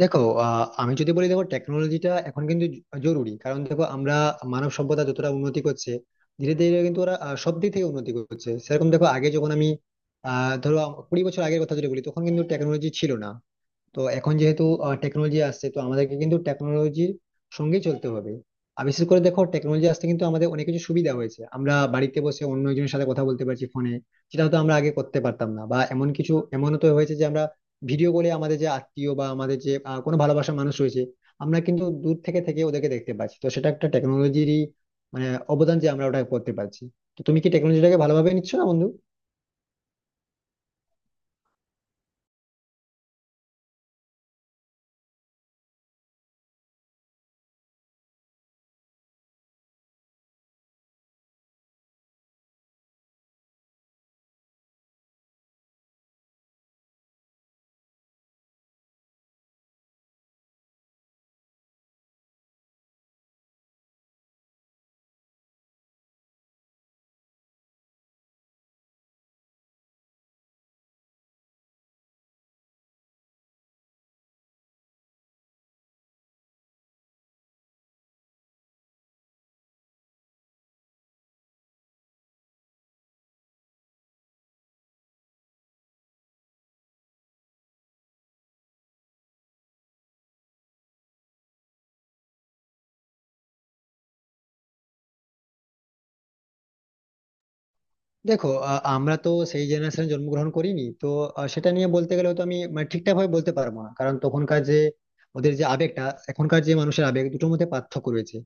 দেখো, আমি যদি বলি, দেখো টেকনোলজিটা এখন কিন্তু জরুরি, কারণ দেখো আমরা মানব সভ্যতা যতটা উন্নতি করছে ধীরে ধীরে, কিন্তু ওরা সব দিক থেকে উন্নতি করছে। সেরকম, দেখো, আগে যখন আমি ধরো 20 বছর আগের কথা যদি বলি, তখন কিন্তু টেকনোলজি ছিল না। তো এখন যেহেতু টেকনোলজি আসছে, তো আমাদেরকে কিন্তু টেকনোলজির সঙ্গে চলতে হবে। আর বিশেষ করে দেখো, টেকনোলজি আসতে কিন্তু আমাদের অনেক কিছু সুবিধা হয়েছে। আমরা বাড়িতে বসে অন্য একজনের সাথে কথা বলতে পারছি ফোনে, যেটা হয়তো আমরা আগে করতে পারতাম না, বা এমন কিছু, এমনও তো হয়েছে যে আমরা ভিডিও কলে আমাদের যে আত্মীয় বা আমাদের যে কোনো ভালোবাসার মানুষ রয়েছে, আমরা কিন্তু দূর থেকে থেকে ওদেরকে দেখতে পাচ্ছি। তো সেটা একটা টেকনোলজিরই, মানে, অবদান, যে আমরা ওটা করতে পারছি। তো তুমি কি টেকনোলজিটাকে ভালোভাবে নিচ্ছ না, বন্ধু? দেখো, আমরা তো সেই জেনারেশনে জন্মগ্রহণ করিনি তো। সেটা নিয়ে বলতে গেলে তো আমি, মানে, ঠিকঠাক ভাবে বলতে পারবো না, কারণ তখনকার যে, ওদের যে আবেগটা, এখনকার যে মানুষের আবেগ — দুটোর মধ্যে পার্থক্য রয়েছে।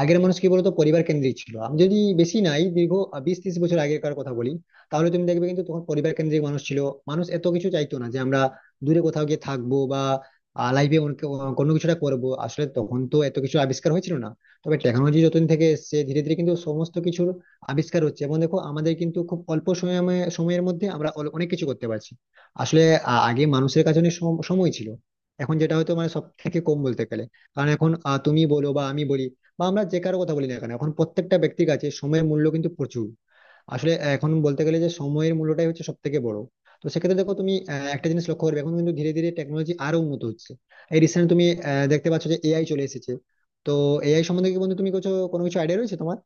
আগের মানুষ কি বলতো, পরিবার কেন্দ্রিক ছিল। আমি যদি বেশি নাই, দীর্ঘ, 20-30 বছর আগেরকার কথা বলি, তাহলে তুমি দেখবে কিন্তু তখন পরিবার কেন্দ্রিক মানুষ ছিল। মানুষ এত কিছু চাইতো না, যে আমরা দূরে কোথাও গিয়ে থাকবো, বা লাইফে কোনো কিছুটা করবো। আসলে তখন তো এত কিছু আবিষ্কার হয়েছিল না। তবে টেকনোলজি যতদিন থেকে এসেছে, ধীরে ধীরে কিন্তু সমস্ত কিছুর আবিষ্কার হচ্ছে। এবং দেখো, আমাদের কিন্তু খুব অল্প সময়ে সময়ের মধ্যে আমরা অনেক কিছু করতে পারছি। আসলে, আগে মানুষের কাছে অনেক সময় ছিল। এখন যেটা হয়তো, মানে, সব থেকে কম বলতে গেলে। কারণ এখন, তুমি বলো বা আমি বলি বা আমরা যে কারো কথা বলি না কেন, এখন প্রত্যেকটা ব্যক্তির কাছে সময়ের মূল্য কিন্তু প্রচুর। আসলে এখন বলতে গেলে, যে সময়ের মূল্যটাই হচ্ছে সব থেকে বড়। তো সেক্ষেত্রে দেখো, তুমি একটা জিনিস লক্ষ্য করবে, এখন কিন্তু ধীরে ধীরে টেকনোলজি আরো উন্নত হচ্ছে। এই রিসেন্ট তুমি দেখতে পাচ্ছ যে এআই চলে এসেছে। তো, এআই সম্বন্ধে কি, বন্ধু, তুমি কোনো কিছু আইডিয়া রয়েছে তোমার?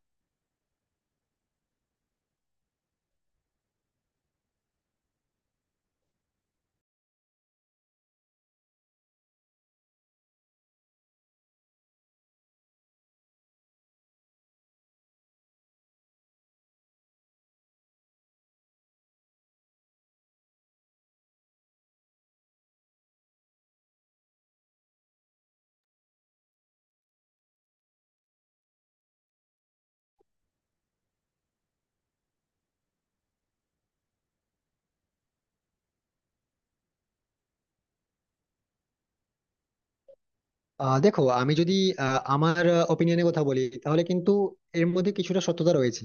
দেখো, আমি যদি আমার ওপিনিয়নের কথা বলি, তাহলে কিন্তু এর মধ্যে কিছুটা সত্যতা রয়েছে।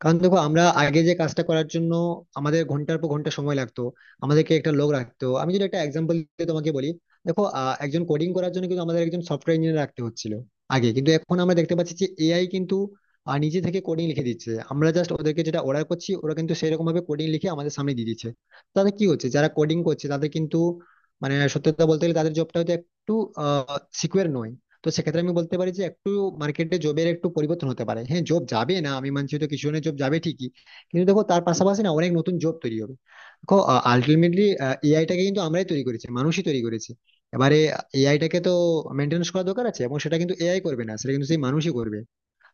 কারণ দেখো, আমরা আগে যে কাজটা করার জন্য আমাদের ঘন্টার পর ঘন্টা সময় লাগতো, আমাদেরকে একটা লোক রাখতো। আমি যদি একটা এক্সাম্পল দিয়ে তোমাকে বলি, দেখো, একজন কোডিং করার জন্য কিন্তু আমাদের একজন সফটওয়্যার ইঞ্জিনিয়ার রাখতে হচ্ছিল আগে। কিন্তু এখন আমরা দেখতে পাচ্ছি যে এআই কিন্তু নিজে থেকে কোডিং লিখে দিচ্ছে। আমরা জাস্ট ওদেরকে যেটা অর্ডার করছি, ওরা কিন্তু সেরকম ভাবে কোডিং লিখে আমাদের সামনে দিয়ে দিচ্ছে। তাতে কি হচ্ছে, যারা কোডিং করছে তাদের কিন্তু, মানে, সত্যি কথা বলতে গেলে, তাদের জবটা একটু সিকিউর নই। তো সেক্ষেত্রে আমি বলতে পারি যে একটু মার্কেটে জবের একটু পরিবর্তন হতে পারে। হ্যাঁ, জব যাবে না আমি মানছি, তো কিছু জনের জব যাবে ঠিকই, কিন্তু দেখো তার পাশাপাশি না, অনেক নতুন জব তৈরি হবে। দেখো, আলটিমেটলি এআইটাকে কিন্তু আমরাই তৈরি করেছি, মানুষই তৈরি করেছে। এবারে এআইটাকে তো মেনটেন্স করা দরকার আছে, এবং সেটা কিন্তু এআই করবে না, সেটা কিন্তু সেই মানুষই করবে।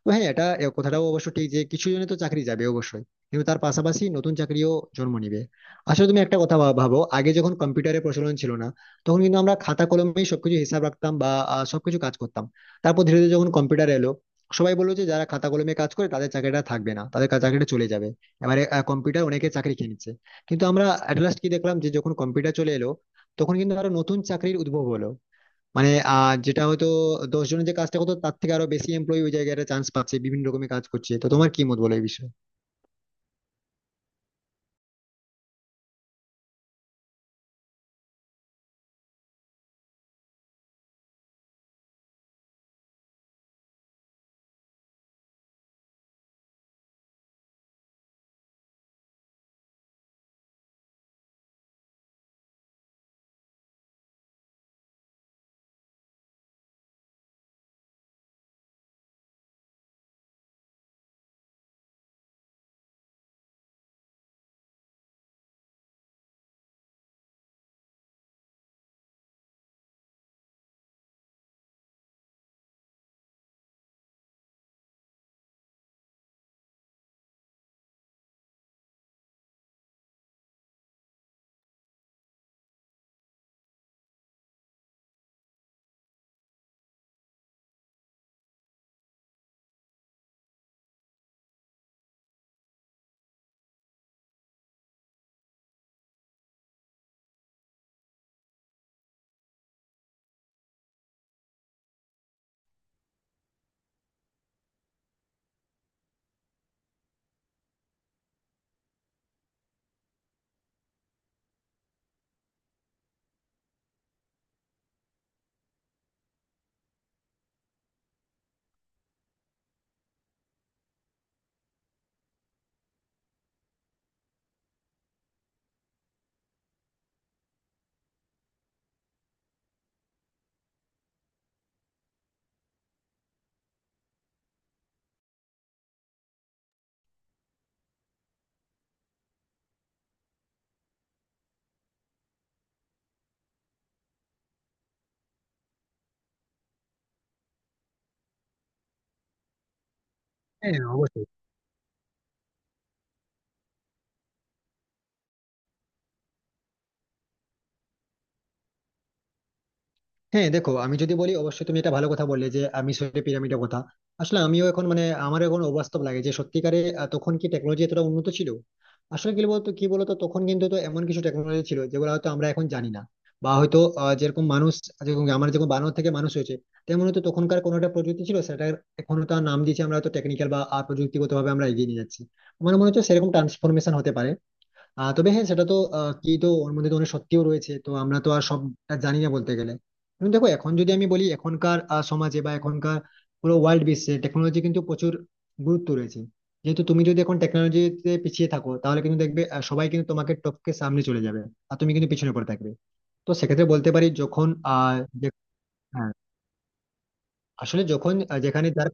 তো হ্যাঁ, এ কথাটাও অবশ্য ঠিক যে কিছু জনে তো চাকরি যাবে অবশ্যই, কিন্তু তার পাশাপাশি নতুন চাকরিও জন্ম নিবে। আসলে তুমি একটা কথা ভাবো — আগে যখন কম্পিউটারের প্রচলন ছিল না, তখন কিন্তু আমরা খাতা কলমেই সবকিছু হিসাব রাখতাম, বা সবকিছু কাজ করতাম। তারপর ধীরে ধীরে যখন কম্পিউটার এলো, সবাই বললো যে যারা খাতা কলমে কাজ করে তাদের চাকরিটা থাকবে না, তাদের চাকরিটা চলে যাবে। এবারে কম্পিউটার অনেকে চাকরি কিনেছে, কিন্তু আমরা অ্যাট লাস্ট কি দেখলাম, যে যখন কম্পিউটার চলে এলো, তখন কিন্তু আরো নতুন চাকরির উদ্ভব হলো। মানে, যেটা হয়তো 10 জনের যে কাজটা করতো, তার থেকে আরো বেশি এমপ্লয়ি ওই জায়গাটা চান্স পাচ্ছে, বিভিন্ন রকমের কাজ করছে। তো তোমার কি মত, বলো এই বিষয়ে? হ্যাঁ, অবশ্যই। হ্যাঁ দেখো, আমি যদি বলি, অবশ্যই তুমি এটা ভালো কথা বললে, যে আমি মিশরের পিরামিডের কথা। আসলে আমিও এখন, মানে, আমার এখন অবাস্তব লাগে, যে সত্যিকারে তখন কি টেকনোলজি এতটা উন্নত ছিল? আসলে কি বলতো, তখন কিন্তু তো এমন কিছু টেকনোলজি ছিল যেগুলো হয়তো আমরা এখন জানি না। বা হয়তো, যেরকম বানর থেকে মানুষ হয়েছে, তেমন হয়তো তখনকার কোনো একটা প্রযুক্তি ছিল সেটার, এখন তার নাম দিয়েছি আমরা হয়তো টেকনিক্যাল বা প্রযুক্তিগত ভাবে আমরা এগিয়ে নিয়ে যাচ্ছি। আমার মনে হচ্ছে সেরকম ট্রান্সফরমেশন হতে পারে। তবে হ্যাঁ, সেটা তো, কি, তো ওর মধ্যে তো অনেক সত্যিও রয়েছে, তো আমরা তো আর সবটা জানি না বলতে গেলে। কিন্তু দেখো, এখন যদি আমি বলি, এখনকার সমাজে বা এখনকার পুরো ওয়ার্ল্ড বিশ্বে টেকনোলজি কিন্তু প্রচুর গুরুত্ব রয়েছে। যেহেতু তুমি যদি এখন টেকনোলজিতে পিছিয়ে থাকো, তাহলে কিন্তু দেখবে সবাই কিন্তু তোমাকে টপকে সামনে চলে যাবে, আর তুমি কিন্তু পিছনে পড়ে থাকবে। তো সেক্ষেত্রে বলতে পারি, যখন যে- হ্যাঁ, আসলে যখন, যেখানে যার।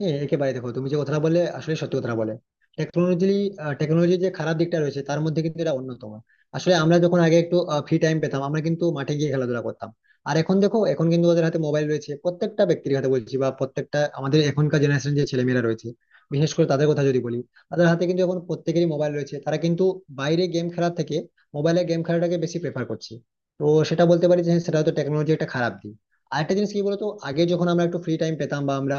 হ্যাঁ একেবারে, দেখো তুমি যে কথাটা বলে আসলে সত্যি কথাটা বলে। টেকনোলজি টেকনোলজির যে খারাপ দিকটা রয়েছে, তার মধ্যে কিন্তু এটা অন্যতম। আসলে আমরা যখন আগে একটু ফ্রি টাইম পেতাম, আমরা কিন্তু মাঠে গিয়ে খেলাধুলা করতাম। আর এখন দেখো, এখন কিন্তু ওদের হাতে মোবাইল রয়েছে, প্রত্যেকটা ব্যক্তির হাতে বলছি, বা প্রত্যেকটা আমাদের এখনকার জেনারেশন যে ছেলেমেয়েরা রয়েছে, বিশেষ করে তাদের কথা যদি বলি, তাদের হাতে কিন্তু এখন প্রত্যেকেরই মোবাইল রয়েছে। তারা কিন্তু বাইরে গেম খেলার থেকে মোবাইলে গেম খেলাটাকে বেশি প্রেফার করছে। তো সেটা বলতে পারি যে হ্যাঁ, সেটা হয়তো টেকনোলজি একটা খারাপ দিক। আরেকটা জিনিস কি বলতো, আগে যখন আমরা একটু ফ্রি টাইম পেতাম, বা আমরা,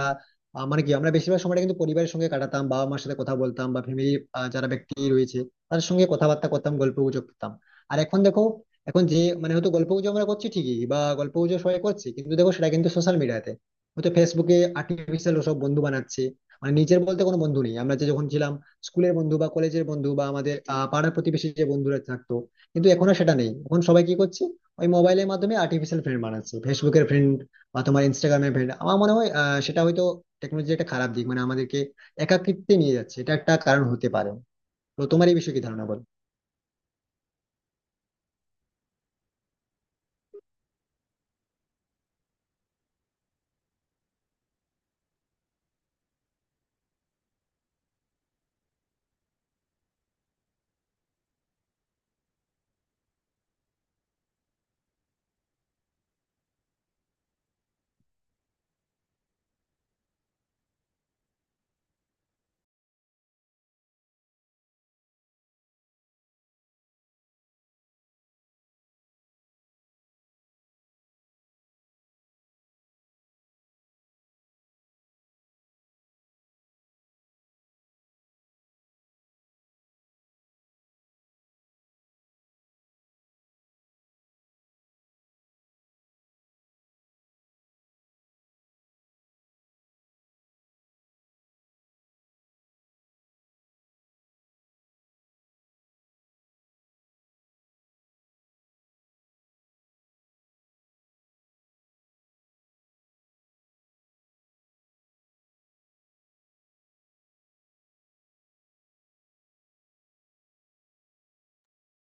মানে কি, আমরা বেশিরভাগ সময়টা কিন্তু পরিবারের সঙ্গে কাটাতাম, বাবা মার সাথে কথা বলতাম, বা ফ্যামিলি যারা ব্যক্তি রয়েছে, তাদের সঙ্গে কথাবার্তা করতাম, গল্প গুজব করতাম। আর এখন দেখো, এখন যে, মানে, হয়তো গল্প গুজব আমরা করছি ঠিকই, বা গল্প গুজব সবাই করছি, কিন্তু দেখো সেটা কিন্তু সোশ্যাল মিডিয়াতে, হয়তো ফেসবুকে আর্টিফিশিয়াল সব বন্ধু বানাচ্ছে। মানে নিজের বলতে কোনো বন্ধু নেই। আমরা যে যখন ছিলাম, স্কুলের বন্ধু বা কলেজের বন্ধু বা আমাদের পাড়ার প্রতিবেশী যে বন্ধুরা থাকতো, কিন্তু এখন আর সেটা নেই। এখন সবাই কি করছে, ওই মোবাইলের মাধ্যমে আর্টিফিশিয়াল ফ্রেন্ড বানাচ্ছে, ফেসবুকের ফ্রেন্ড বা তোমার ইনস্টাগ্রামের ফ্রেন্ড। আমার মনে হয় সেটা হয়তো টেকনোলজি একটা খারাপ দিক, মানে আমাদেরকে একাকিত্বে নিয়ে যাচ্ছে, এটা একটা কারণ হতে পারে। তো তোমার এই বিষয়ে কি ধারণা, বলো?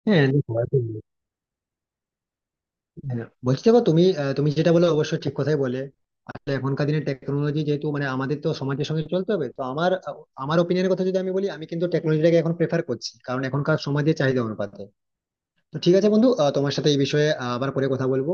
হ্যাঁ দেখো, হ্যাঁ, বলছি, দেখো তুমি যেটা বলে অবশ্যই ঠিক কথাই বলে। আসলে এখনকার দিনে টেকনোলজি যেহেতু, মানে, আমাদের তো সমাজের সঙ্গে চলতে হবে, তো আমার ওপিনিয়নের কথা যদি আমি বলি, আমি কিন্তু টেকনোলজিটাকে এখন প্রেফার করছি, কারণ এখনকার সমাজের চাহিদা অনুপাতে। তো ঠিক আছে বন্ধু, তোমার সাথে এই বিষয়ে আবার পরে কথা বলবো।